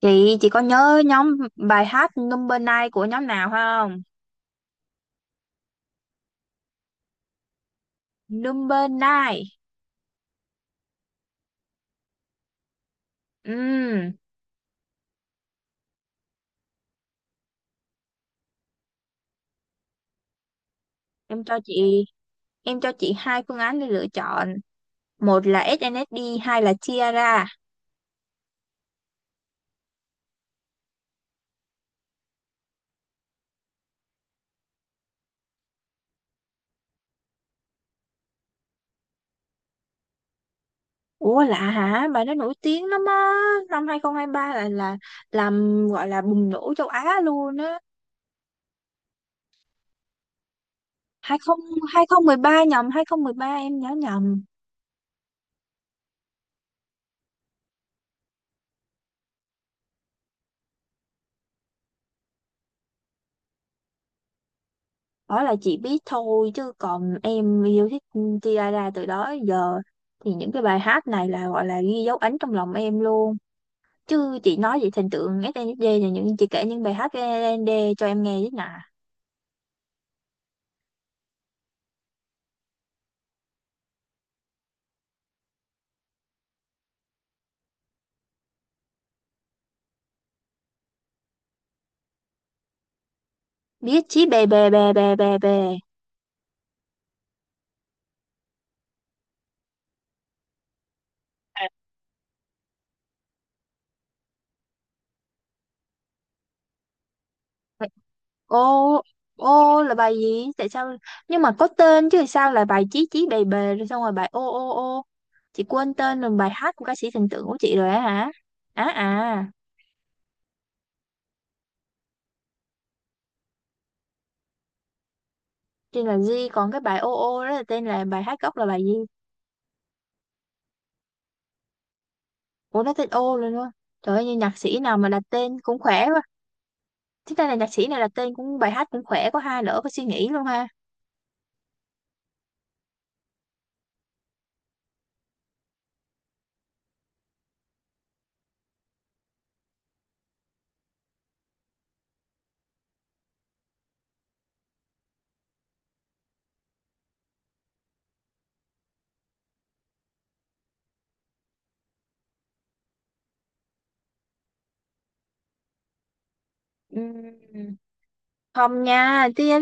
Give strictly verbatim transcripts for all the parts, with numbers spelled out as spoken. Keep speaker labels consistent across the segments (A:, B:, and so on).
A: Chị chị có nhớ nhóm bài hát Number Nine của nhóm nào không? Number Nine. Ừm, em cho chị em cho chị hai phương án để lựa chọn. Một là ét en ét đê, hai là Tiara. Ủa lạ hả? Bài đó nổi tiếng lắm á. Năm hai không hai ba là là làm gọi là bùng nổ châu Á luôn á. hai không ba nhầm, hai không một ba, em nhớ nhầm. Đó là chị biết thôi, chứ còn em yêu thích Tiara từ đó đến giờ thì những cái bài hát này là gọi là ghi dấu ấn trong lòng em luôn, chứ chị nói về thần tượng ét en ét đê là những chị kể những bài hát của ét en ét đê cho em nghe chứ nè. Biết chí bè bè bè bè bè bè. Ô ô là bài gì, tại sao, nhưng mà có tên chứ, sao là bài chí chí bè bè rồi xong rồi bài ô ô ô chị quên tên rồi, bài hát của ca sĩ thần tượng của chị rồi á hả, á à. Tên là G, còn cái bài ô ô đó là tên là bài hát gốc là bài gì? Ủa nó tên ô luôn á? Trời ơi, như nhạc sĩ nào mà đặt tên cũng khỏe quá. Thế đây là nhạc sĩ này đặt tên cũng bài hát cũng khỏe, có hai nữa, có suy nghĩ luôn ha. Ừm, Không nha, tia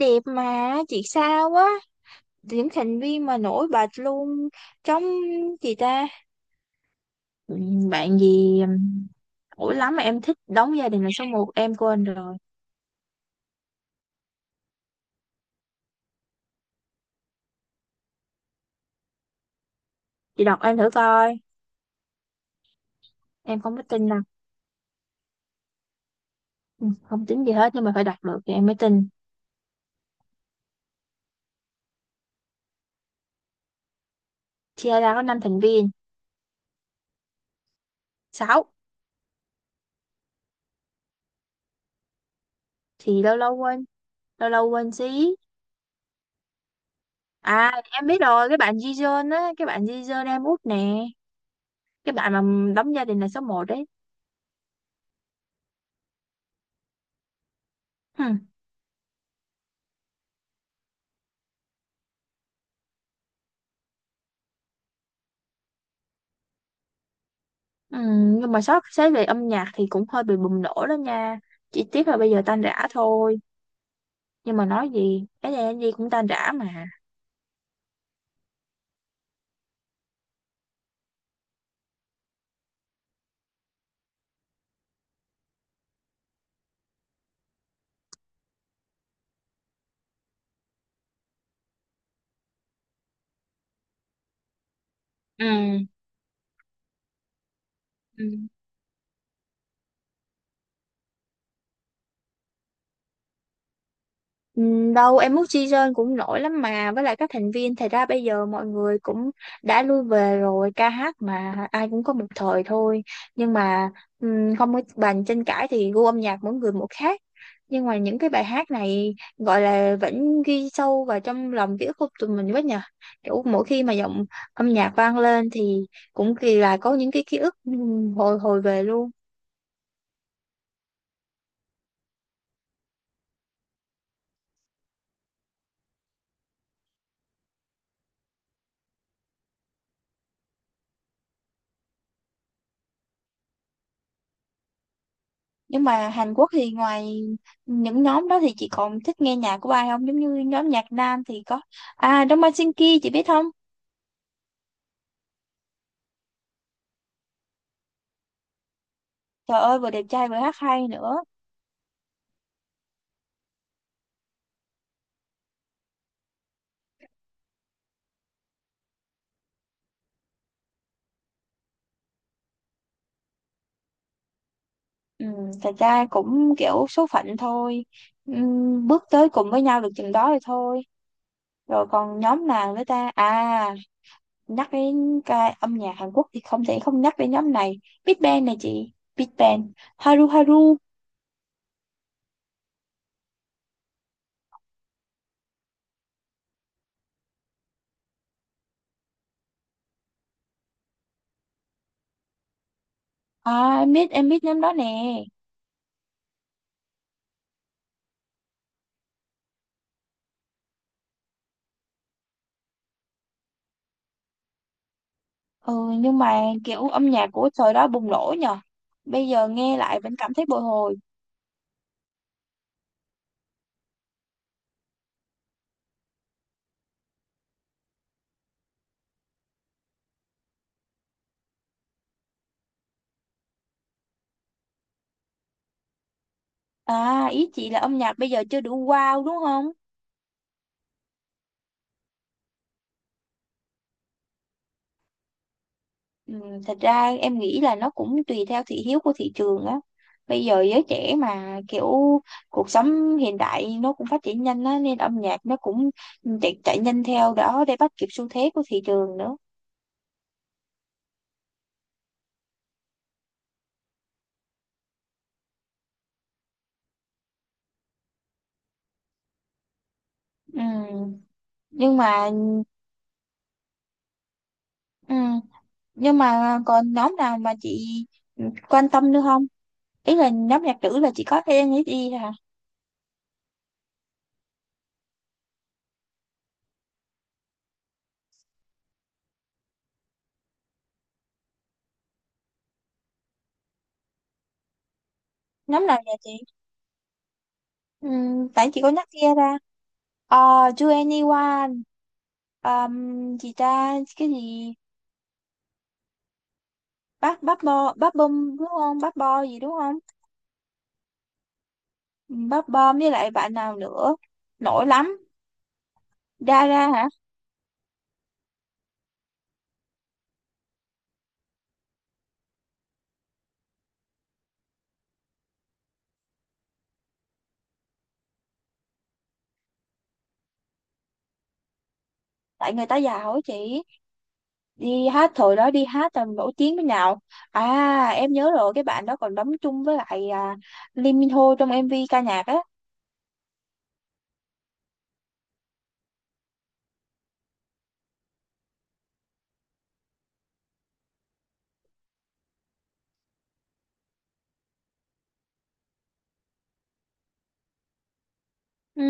A: đẹp mà chị sao quá, những thành viên mà nổi bật luôn trong chị ta. Ừm, bạn gì nổi lắm mà em thích đóng gia đình là số một, em quên rồi. Chị đọc em thử coi. Em không có tin đâu. Ừm, không tính gì hết, nhưng mà phải đọc được thì em mới tin. Chia có năm thành viên. Sáu. Thì lâu lâu quên, lâu lâu quên xí. À em biết rồi, cái bạn Jijun á, cái bạn Jijun em út nè, cái bạn mà đóng gia đình là số một đấy. Hmm. Ừm, nhưng mà sót xét về âm nhạc thì cũng hơi bị bùng nổ đó nha, chỉ tiếc là bây giờ tan rã thôi, nhưng mà nói gì cái này gì cũng tan rã mà. Ừ. Ừ. Ừ, đâu em mút season cũng nổi lắm, mà với lại các thành viên thì ra bây giờ mọi người cũng đã lui về rồi, ca hát mà ai cũng có một thời thôi. Nhưng mà ừm, không có bàn tranh cãi thì gu âm nhạc mỗi người một khác, nhưng mà những cái bài hát này gọi là vẫn ghi sâu vào trong lòng ký ức của tụi mình quá nhờ, kiểu mỗi khi mà giọng âm nhạc vang lên thì cũng kỳ là có những cái ký ức, ừm, hồi hồi về luôn. Nhưng mà Hàn Quốc thì ngoài những nhóm đó thì chị còn thích nghe nhạc của ai không? Giống như nhóm nhạc nam thì có, à Đông Ban Shin Ki chị biết không? Trời ơi, vừa đẹp trai vừa hát hay nữa. Ừ, thật ra cũng kiểu số phận thôi. Ừ, bước tới cùng với nhau được chừng đó thì thôi. Rồi còn nhóm nào nữa ta? À, nhắc đến cái âm nhạc Hàn Quốc thì không thể không nhắc đến nhóm này. Big Bang này chị. Big Bang. Haru Haru. À em biết em biết nhóm đó nè. Ừ, nhưng mà kiểu âm nhạc của thời đó bùng nổ nhờ. Bây giờ nghe lại vẫn cảm thấy bồi hồi. À, ý chị là âm nhạc bây giờ chưa đủ wow đúng không? Ừ, thật ra em nghĩ là nó cũng tùy theo thị hiếu của thị trường á. Bây giờ giới trẻ mà kiểu cuộc sống hiện đại nó cũng phát triển nhanh á, nên âm nhạc nó cũng chạy, chạy nhanh theo đó để bắt kịp xu thế của thị trường nữa. Ừ, nhưng mà ừ, nhưng mà còn nhóm nào mà chị quan tâm nữa không? Ý là nhóm nhạc nữ là chị có thể nghĩ đi hả. Nhóm nào vậy chị? Ừm, tại chị có nhắc kia ra. ờ To anyone, um, gì ta cái gì. Bắp bắp bo bắp bom đúng không, bắp bo gì đúng không? Ừ, bắp bom với lại bạn nào nữa nổi lắm. Dara hả? Tại người ta giàu á chị, đi hát thời đó đi hát là nổi tiếng thế nào. À em nhớ rồi, cái bạn đó còn đóng chung với lại à, Lee Min Ho trong em vi ca nhạc á. Ừ,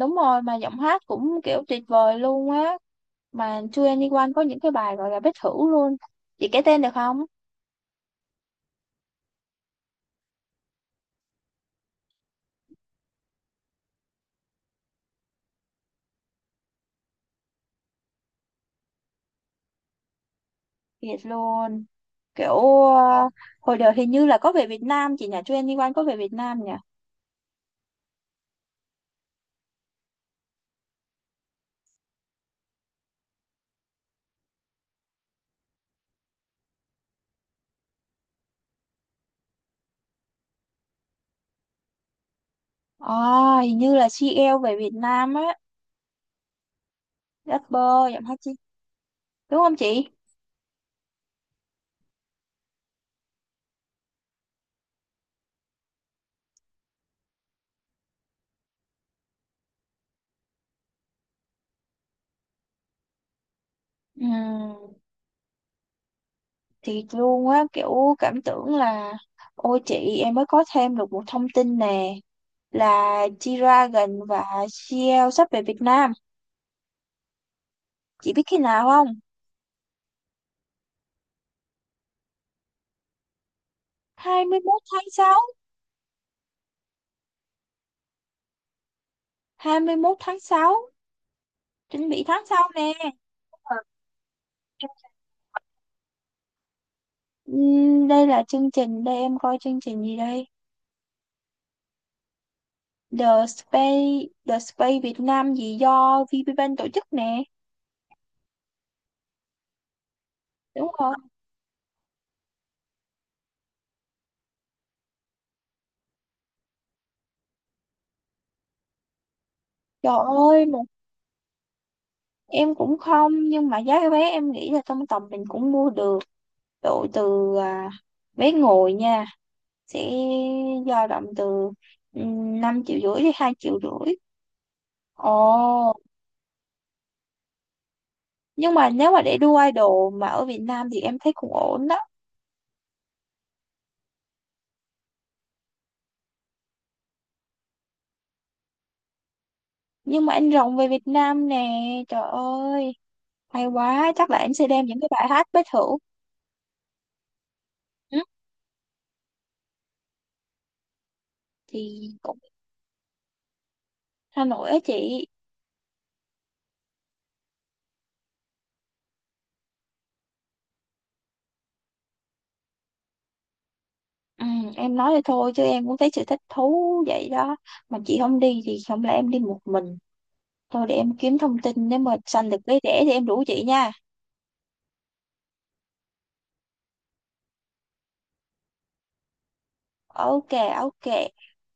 A: đúng rồi, mà giọng hát cũng kiểu tuyệt vời luôn á. Mà Chu Anyone có những cái bài gọi là bất thử luôn, chị kể tên được không? Thiệt luôn, kiểu ờ, hồi đợt hình như là có về Việt Nam chị nhỉ, Chu Anyone có về Việt Nam nhỉ. à, Hình như là si eo về Việt Nam á. Rapper giọng hát chi, đúng không chị? Ừ, thiệt luôn á, kiểu cảm tưởng là ôi chị, em mới có thêm được một thông tin nè, là G-Dragon và xê lờ sắp về Việt Nam. Chị biết khi nào không? hai mươi mốt tháng sáu, hai mươi mốt tháng sáu, chuẩn bị tháng sau nè. Ờ. Ừm, Đây là chương trình, đây em coi chương trình gì đây? The Space, The Space Việt Nam gì do VPBank tổ chức nè. Đúng rồi. Trời ơi, một em cũng không, nhưng mà giá vé em nghĩ là trong tầm mình cũng mua được. Độ từ à, vé ngồi nha, sẽ dao động từ ừm, năm triệu rưỡi đến hai triệu rưỡi. Ồ. Nhưng mà nếu mà để đua idol mà ở Việt Nam thì em thấy cũng ổn đó. Nhưng mà anh rồng về Việt Nam nè, trời ơi, hay quá, chắc là em sẽ đem những cái bài hát bất hữu. ừ, thì cũng Hà Nội á chị. Ừ, em nói vậy thôi chứ em cũng thấy sự thích thú vậy đó. Mà chị không đi thì không lẽ em đi một mình. Thôi để em kiếm thông tin nếu mà sanh được vé rẻ thì em rủ chị nha. Ok, ok.